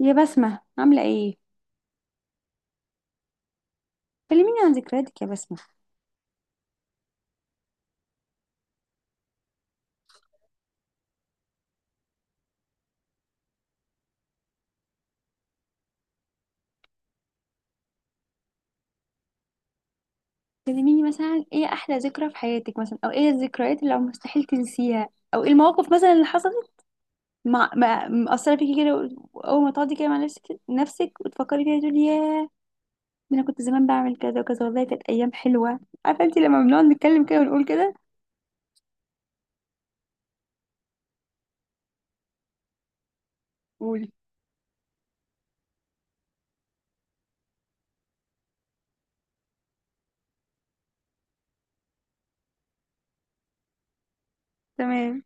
يا بسمة عاملة ايه؟ كلميني عن ذكرياتك يا بسمة. كلميني مثلا ايه احلى ذكرى في حياتك، مثلا او ايه الذكريات اللي مستحيل تنسيها، او ايه المواقف مثلا اللي حصلت مأثرة فيكي كده، اول ما تقعدي كده مع نفسك، نفسك وتفكري فيها تقولي ياه، ده انا كنت زمان بعمل كذا وكذا، والله كانت ايام حلوة. عارفة انت لما بنقعد نتكلم كده ونقول كده. قولي. تمام.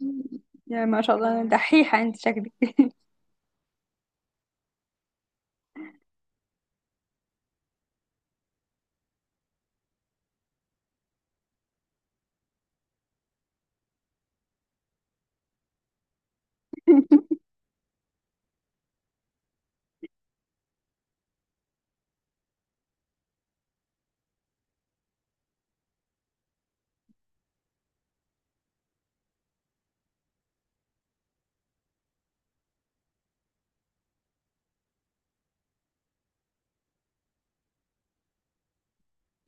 يعني ما شاء الله دحيحة انت شكلك.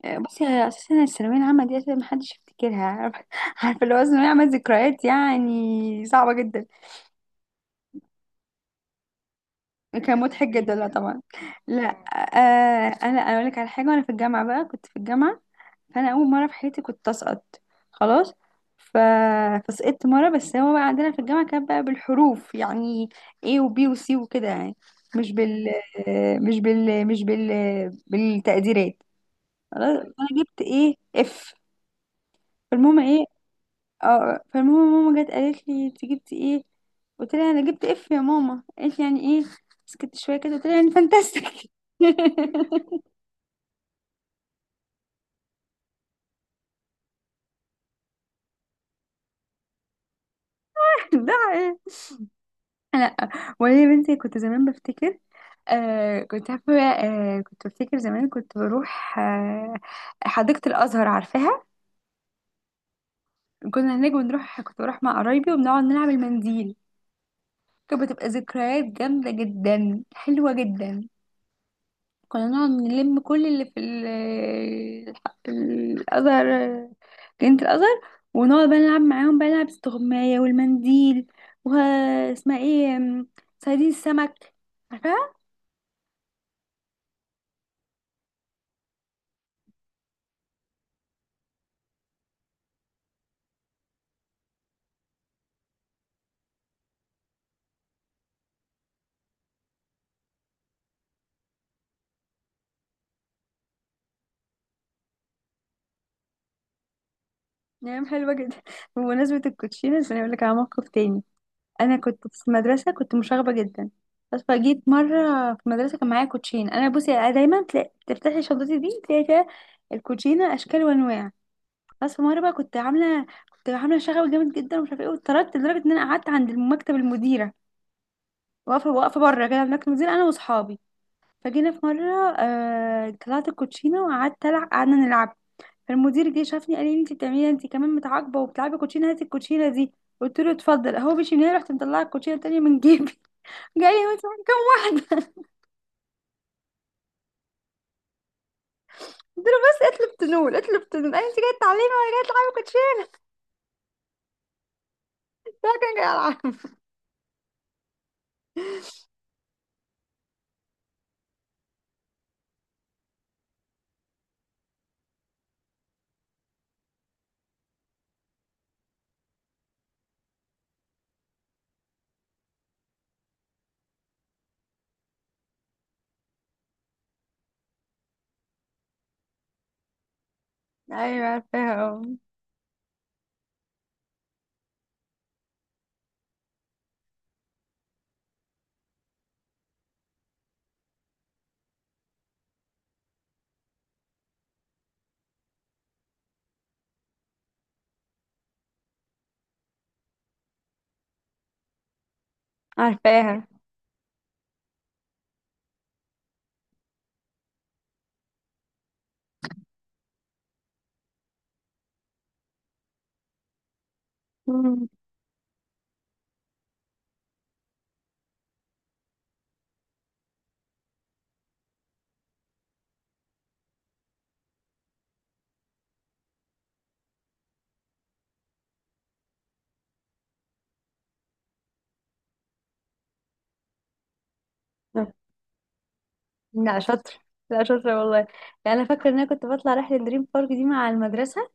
بصي هي اساسا الثانويه العامه دي اساسا محدش يفتكرها، عارفه. عارفة اللي هو الثانويه عامه ذكريات يعني صعبه جدا. كان مضحك جدا، لا طبعا. لا. آه انا أنا اقول لك على حاجه، وانا في الجامعه، بقى كنت في الجامعه، فانا اول مره في حياتي كنت اسقط. خلاص. ف... فسقطت مره، بس هو بقى عندنا في الجامعه كان بقى بالحروف يعني، A وB وC وكده يعني، مش بال مش بال بالتقديرات. خلاص انا جبت ايه، اف. فالمهم ايه؟ اه فالمهم ماما جت قالت لي انت جبتي ايه، قلت لها انا جبت اف يا ماما، قالت لي يعني ايه؟ سكت شويه كده قلت لها يعني فانتاستيك. ده ايه؟ لا، وانا يا بنتي كنت زمان بفتكر، آه كنت عارفه، كنت بفتكر زمان كنت بروح، حديقه الازهر، عارفاها؟ كنا هناك بنروح، كنت بروح مع قرايبي وبنقعد نلعب المنديل، كانت بتبقى ذكريات جامده جدا، حلوه جدا. كنا نقعد نلم كل اللي في الأزهر، جنينة الأزهر، ونقعد بقى نلعب معاهم، بقى نلعب استغماية والمنديل، واسمها ايه صيادين السمك، عارفاها؟ نعم حلوة جدا. بمناسبة الكوتشينة عشان أقول لك على موقف تاني، أنا كنت في المدرسة كنت مشاغبة جدا، بس فجيت مرة في المدرسة كان معايا كوتشين. أنا بصي أنا دايما تلاقي تفتحي شنطتي دي تلاقي فيها الكوتشينة أشكال وأنواع. بس في مرة بقى كنت عاملة شغب جامد جدا ومش عارفة ايه، واتطردت لدرجة ان انا قعدت عند مكتب المديرة، واقفة بره كده عند مكتب المديرة انا واصحابي. فجينا في مرة طلعت الكوتشينة وقعدت العب، قعدنا نلعب. فالمدير جه شافني قال لي انت بتعملي، انت كمان متعاقبة وبتلعبي كوتشينة؟ هاتي الكوتشينة دي. قلت له اتفضل. هو مشي من هنا رحت مطلعه الكوتشينة التانية من جيبي. جاي هو انت معاك كام واحدة، قلت له بس اطلب تنول، اطلب تنول. قال انت جاية تعلمي ولا جاية تلعبي كوتشينة؟ لا كان جاي العب. ايوه عارفاها، اه عارفاها. مم. لا شاطر. لا شاطرة والله. لا أنا فاكرة إن أنا كنت بطلع رحلة دريم بارك دي مع المدرسة.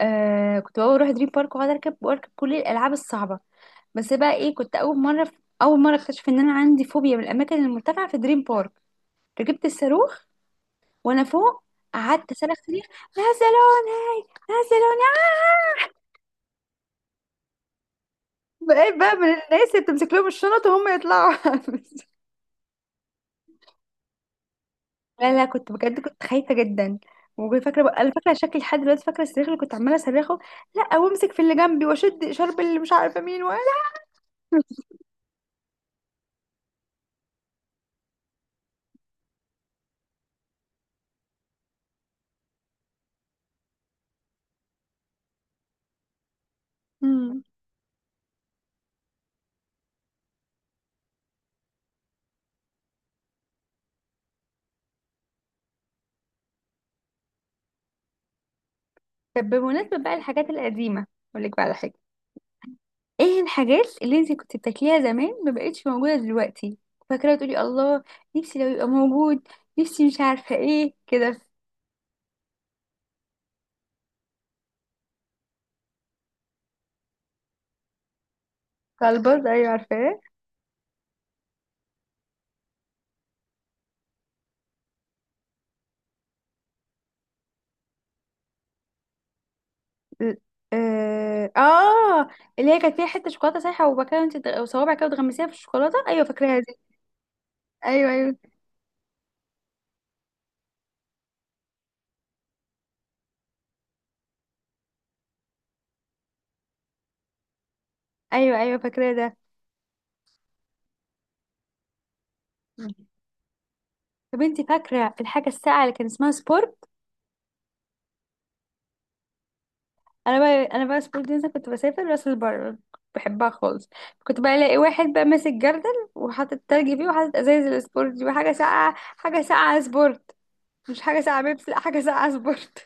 آه كنت بقى أروح دريم بارك وأقعد أركب وأركب كل الألعاب الصعبة. بس بقى إيه، كنت أول مرة، أول مرة أكتشف إن أنا عندي فوبيا من الأماكن المرتفعة في دريم بارك. ركبت الصاروخ وأنا فوق قعدت صرخ صريخ، نزلوني، نزلوني. بقيت بقى من الناس اللي بتمسك لهم الشنط وهم يطلعوا. لا لا، كنت بجد كنت خايفه جدا، وكنت فاكره بقى، انا فاكره شكلي لحد دلوقتي، فاكره الصريخ اللي كنت عماله صرخه. لا، وامسك في اللي جنبي واشد شرب اللي مش عارفه مين ولا. امم. طب بمناسبه بقى الحاجات القديمه، اقول لك بقى على حاجه، ايه الحاجات اللي انت كنت بتاكليها زمان ما بقتش موجوده دلوقتي، فاكره تقولي الله نفسي لو يبقى موجود، نفسي مش عارفه ايه كده. كلبز، ايوه عارفاه. ال- اه آه، اللي هي كانت فيها حته شوكولاته سايحه، وبكده انت وصوابعك كده وتغمسيها في الشوكولاته، ايوه فاكراها دي. ايوه ايوه. ايوه ايوه فاكراه ده. مم. طب انت فاكره الحاجه الساقعه اللي كان اسمها سبور؟ انا بقى انا بقى سبور دي مثلا كنت بسافر راس البر بحبها خالص. كنت بقى الاقي واحد بقى ماسك جردل وحاطط تلج فيه وحاطط ازايز السبورت دي، وحاجه ساقعه، حاجه ساقعه سبورت، مش حاجه ساقعه بيبس، لا حاجه ساقعه سبورت.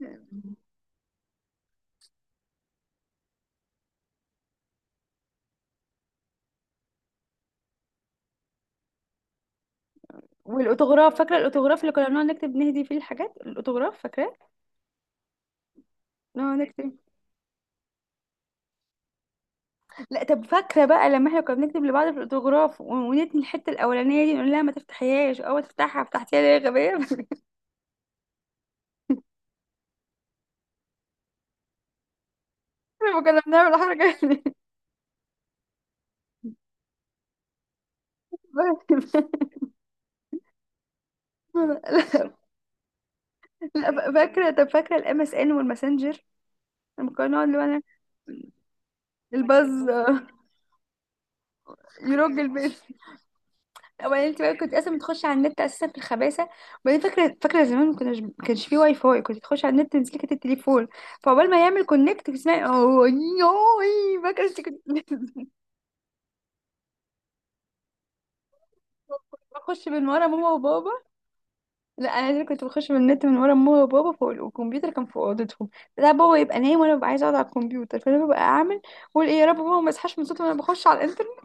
مم. والاوتوغراف، فاكره الاوتوغراف اللي كنا بنقعد نكتب نهدي فيه الحاجات، الاوتوغراف فاكراه، نقعد نكتب. لا طب فاكره بقى لما احنا كنا بنكتب لبعض في الاوتوغراف ونتني الحته الاولانيه دي نقول لها ما تفتحيهاش، او تفتحها فتحتيها ليه يا غبيه. ما كنا بنعمل حركة يعني. لا. لا،. ف- فاكرة؟ طب فاكرة الام اس ان والماسنجر لما كنا نقعد اللي هو أنا. الباز يرج البيت، وبعدين انت بقى كنت اصلا بتخش على النت اساسا في الخباثة. وبعدين فاكرة، زمان ما كناش، ما كانش فيه واي فاي كنت تخش على النت تمسكي كانت التليفون، فعقبال ما يعمل كونكت تسمعي اوه يوي، فاكرة انت كنت؟ بخش من ورا ماما وبابا. لا انا اللي كنت بخش من النت من ورا ماما وبابا فوق، والكمبيوتر كان في اوضتهم. لا بابا يبقى نايم وانا ببقى عايزه اقعد على الكمبيوتر، فانا ببقى اعمل، اقول ايه يا رب ماما ما يصحاش من صوتي وانا بخش على الانترنت.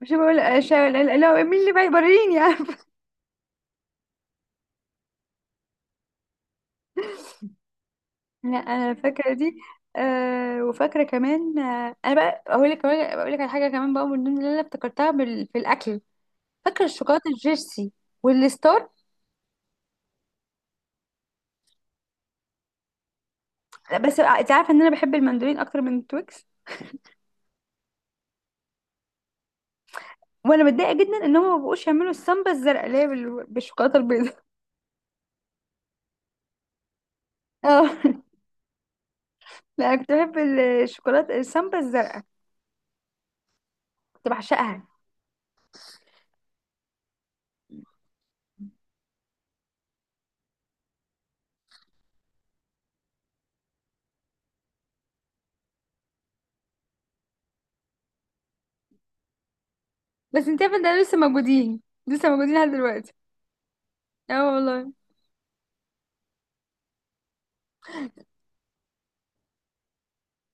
مش بقول لا، مين اللي بقى يبريني يعني. لا انا فاكره دي. وفاكره كمان، انا بقى اقول لك كمان، اقول لك على حاجه كمان بقى من ضمن اللي انا افتكرتها في الاكل، فاكره الشوكولاته الجيرسي والستار. بس انت عارفه ان انا بحب المندولين اكتر من التويكس، وانا متضايقه جدا ان هم ما بقوش يعملوا السامبا الزرقاء اللي هي بالشوكولاته البيضاء. اه. لا انا كنت بحب الشوكولاته السامبا الزرقاء، كنت بعشقها. بس انت عارفه ده لسه موجودين، لسه موجودين لحد دلوقتي. اه والله.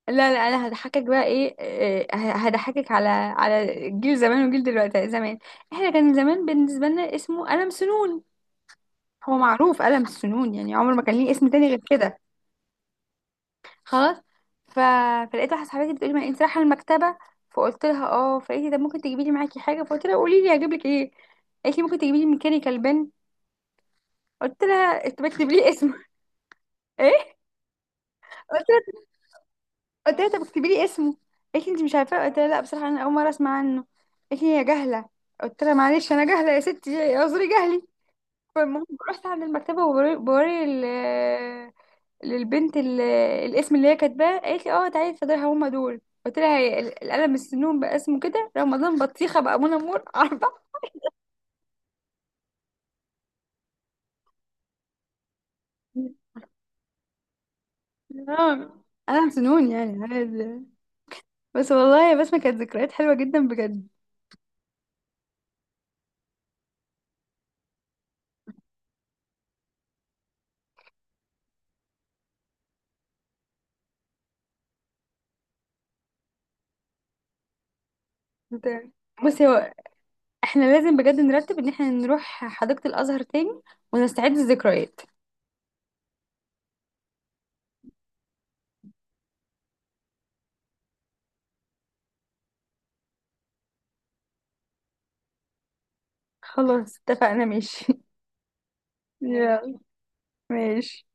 لا لا انا هضحكك بقى ايه، هضحكك على على جيل زمان وجيل دلوقتي، زمان احنا كان زمان بالنسبه لنا اسمه قلم سنون، هو معروف قلم السنون يعني عمر ما كان ليه اسم تاني غير كده. خلاص. ف... فلقيت واحده صاحبتي بتقولي ما انت رايحه المكتبه، فقلت لها اه، فقالت لي ده ممكن تجيبي لي معاكي حاجه؟ فقلت لها قولي لي هجيب لك ايه، قالت لي ممكن تجيبي لي ميكانيكال بن، قلت لها انت بتكتبي لي اسمه. ايه؟ قلت لها، قلت لها طب اكتبي لي اسمه، قالت لي انت مش عارفاه، قلت لها لا بصراحه انا اول مره اسمع عنه، قالت لي يا جهله، قلت لها معلش انا جهله يا ستي اعذري جهلي. فالمهم رحت عند المكتبه وبوري بوري للبنت الاسم اللي هي كاتباه، قالت لي اه تعالي اتفضلي هما دول. قلت لها هي القلم السنون بقى اسمه كده، رمضان بطيخه بقى منى مور. عارفه. نعم قلم سنون يعني عادي. بس والله بس ما كانت ذكريات حلوه جدا بجد. انت- بصي هو احنا لازم بجد نرتب ان احنا نروح حديقة الازهر تاني ونستعيد الذكريات. خلاص اتفقنا ماشي. يلا ماشي.